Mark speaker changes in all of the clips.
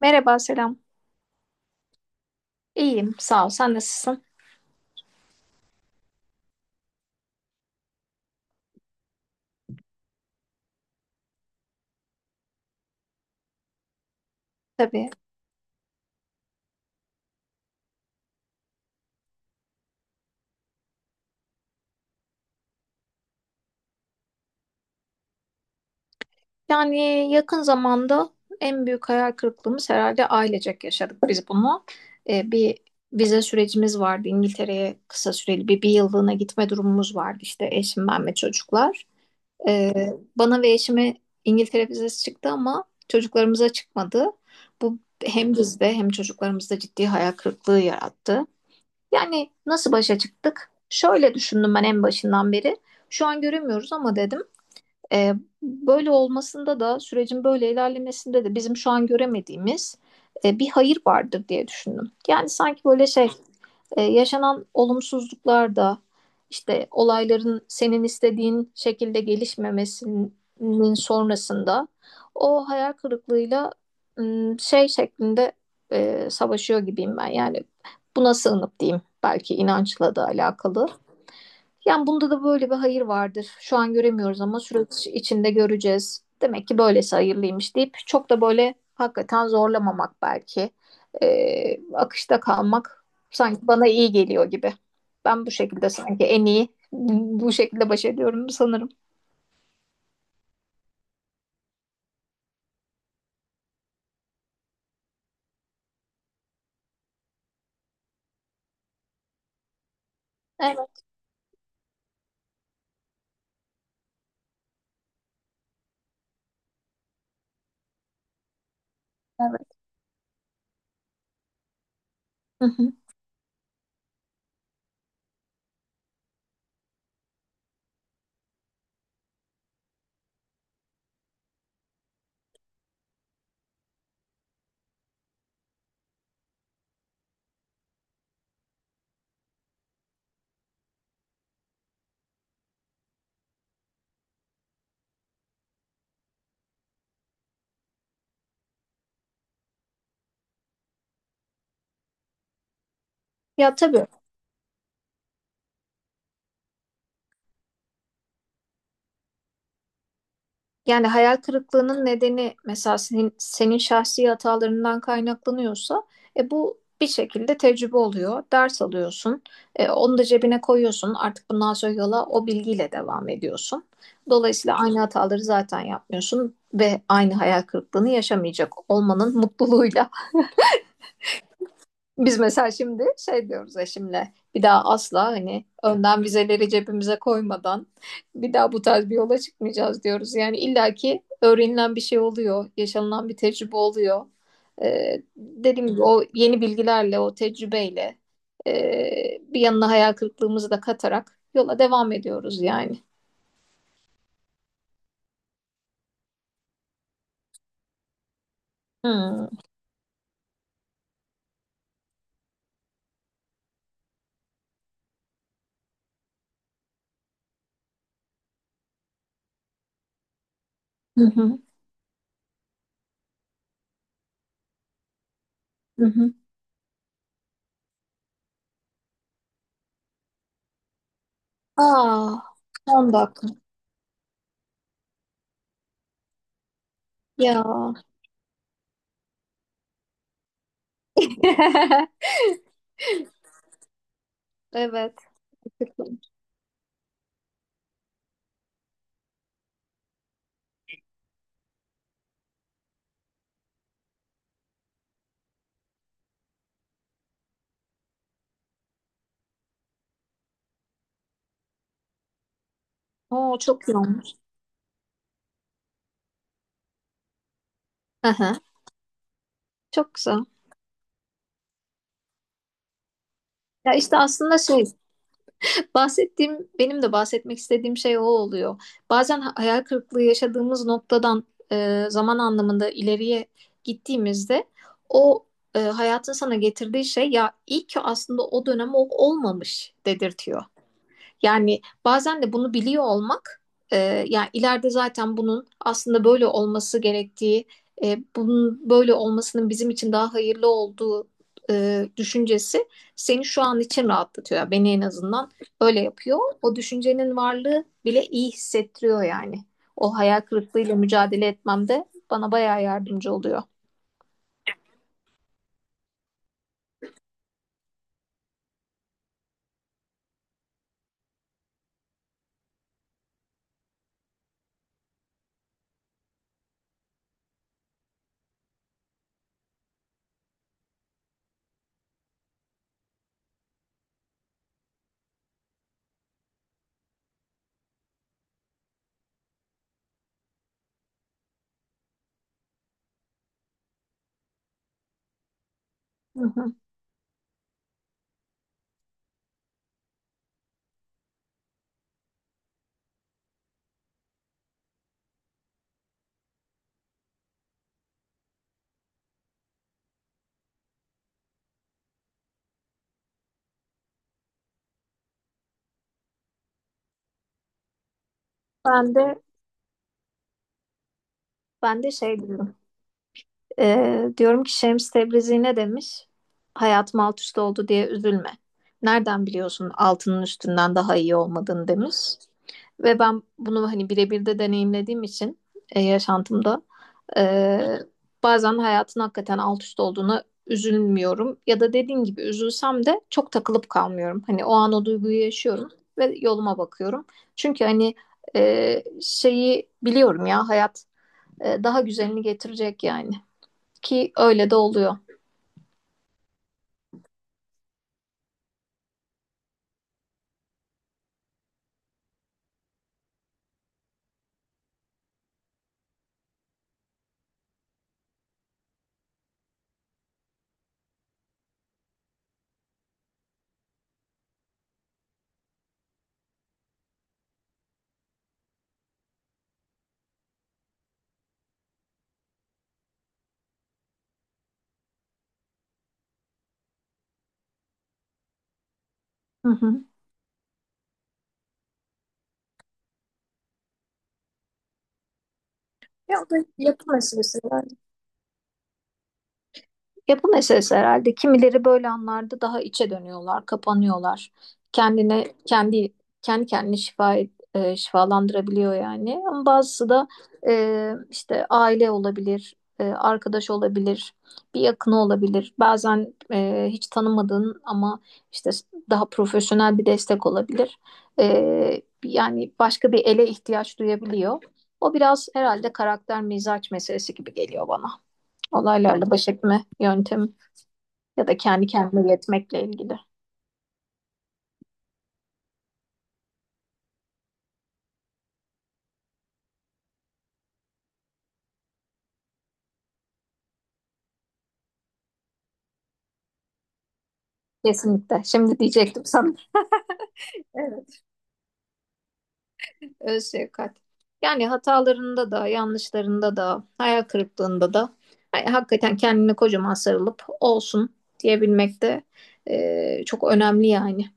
Speaker 1: Merhaba, selam. İyiyim, sağ ol. Sen nasılsın? Tabii. Yani yakın zamanda en büyük hayal kırıklığımız herhalde ailecek yaşadık biz bunu. Bir vize sürecimiz vardı. İngiltere'ye kısa süreli bir yıllığına gitme durumumuz vardı. İşte eşim, ben ve çocuklar. Ee, Bana ve eşime İngiltere vizesi çıktı ama çocuklarımıza çıkmadı. Bu hem bizde hem çocuklarımızda ciddi hayal kırıklığı yarattı. Yani nasıl başa çıktık? Şöyle düşündüm ben en başından beri. Şu an göremiyoruz ama dedim e, böyle olmasında da sürecin böyle ilerlemesinde de bizim şu an göremediğimiz bir hayır vardır diye düşündüm. Yani sanki böyle yaşanan olumsuzluklar da işte olayların senin istediğin şekilde gelişmemesinin sonrasında o hayal kırıklığıyla şey şeklinde savaşıyor gibiyim ben. Yani buna sığınıp diyeyim belki inançla da alakalı. Yani bunda da böyle bir hayır vardır. Şu an göremiyoruz ama süreç içinde göreceğiz. Demek ki böylesi hayırlıymış deyip çok da böyle hakikaten zorlamamak belki. Akışta kalmak sanki bana iyi geliyor gibi. Ben bu şekilde sanki en iyi bu şekilde baş ediyorum sanırım. Evet, evet. Hı hı. Ya tabii. Yani hayal kırıklığının nedeni mesela senin şahsi hatalarından kaynaklanıyorsa bu bir şekilde tecrübe oluyor. Ders alıyorsun. Onu da cebine koyuyorsun. Artık bundan sonra yola o bilgiyle devam ediyorsun. Dolayısıyla aynı hataları zaten yapmıyorsun ve aynı hayal kırıklığını yaşamayacak olmanın mutluluğuyla biz mesela şimdi şey diyoruz eşimle bir daha asla hani önden vizeleri cebimize koymadan bir daha bu tarz bir yola çıkmayacağız diyoruz. Yani illaki öğrenilen bir şey oluyor, yaşanılan bir tecrübe oluyor. Dediğim gibi o yeni bilgilerle, o tecrübeyle bir yanına hayal kırıklığımızı da katarak yola devam ediyoruz yani. Hmm. Hı hı. Hı hı. Aa, 10 dakika. Ya. Evet. Oo, çok iyi. Hı hı. Çok güzel. Ya işte aslında şey bahsettiğim benim de bahsetmek istediğim şey o oluyor. Bazen hayal kırıklığı yaşadığımız noktadan zaman anlamında ileriye gittiğimizde o hayatın sana getirdiği şey ya iyi ki aslında o dönem o olmamış dedirtiyor. Yani bazen de bunu biliyor olmak, yani ileride zaten bunun aslında böyle olması gerektiği, bunun böyle olmasının bizim için daha hayırlı olduğu düşüncesi seni şu an için rahatlatıyor. Yani beni en azından öyle yapıyor. O düşüncenin varlığı bile iyi hissettiriyor yani. O hayal kırıklığıyla mücadele etmemde bana bayağı yardımcı oluyor. Hı hı. Ben de ben de şey diyorum. Diyorum ki Şems Tebrizi ne demiş? Hayatım alt üst oldu diye üzülme. Nereden biliyorsun altının üstünden daha iyi olmadığını demiş. Ve ben bunu hani birebir de deneyimlediğim için yaşantımda e, bazen hayatın hakikaten alt üst olduğuna üzülmüyorum. Ya da dediğin gibi üzülsem de çok takılıp kalmıyorum. Hani o an o duyguyu yaşıyorum ve yoluma bakıyorum. Çünkü hani şeyi biliyorum ya hayat daha güzelini getirecek yani. Ki öyle de oluyor. Hı hı. Ya o da yapı meselesi var. Ya bu meselesi herhalde kimileri böyle anlarda daha içe dönüyorlar, kapanıyorlar. Kendine kendi kendi kendini şifa şifalandırabiliyor yani. Ama bazısı da işte aile olabilir, arkadaş olabilir, bir yakını olabilir. Bazen hiç tanımadığın ama işte daha profesyonel bir destek olabilir. Yani başka bir ele ihtiyaç duyabiliyor. O biraz herhalde karakter mizaç meselesi gibi geliyor bana. Olaylarla baş etme yöntemi ya da kendi kendine yetmekle ilgili. Kesinlikle. Şimdi diyecektim sana. Evet, öz şefkat. Yani hatalarında da, yanlışlarında da, hayal kırıklığında da yani hakikaten kendine kocaman sarılıp olsun diyebilmek de çok önemli yani.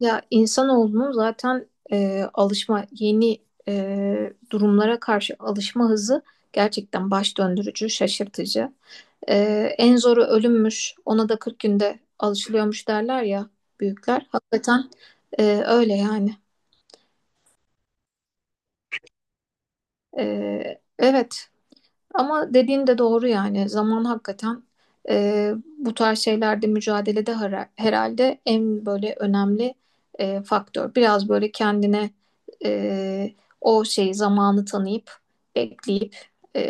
Speaker 1: Ya insanoğlunun zaten alışma yeni durumlara karşı alışma hızı gerçekten baş döndürücü, şaşırtıcı. E, En zoru ölümmüş, ona da 40 günde alışılıyormuş derler ya büyükler. Hakikaten öyle yani. Evet, ama dediğin de doğru yani zaman hakikaten bu tarz şeylerde mücadelede herhalde en böyle önemli faktör. Biraz böyle kendine e, o şeyi zamanı tanıyıp bekleyip e,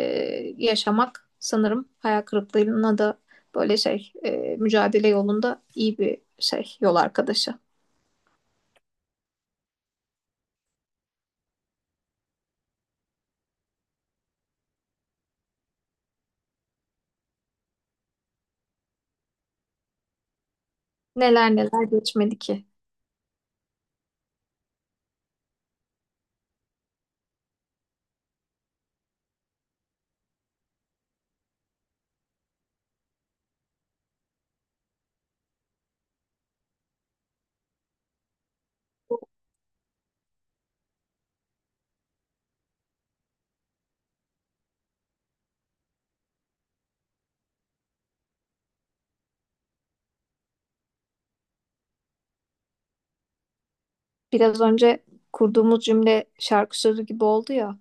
Speaker 1: yaşamak sanırım hayal kırıklığına da böyle mücadele yolunda iyi bir şey yol arkadaşı. Neler neler geçmedi ki. Biraz önce kurduğumuz cümle şarkı sözü gibi oldu ya.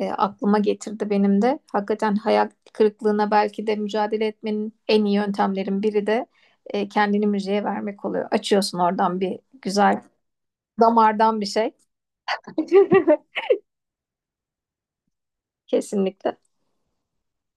Speaker 1: Aklıma getirdi benim de. Hakikaten hayal kırıklığına belki de mücadele etmenin en iyi yöntemlerin biri de kendini müziğe vermek oluyor. Açıyorsun oradan bir güzel damardan bir şey. Kesinlikle.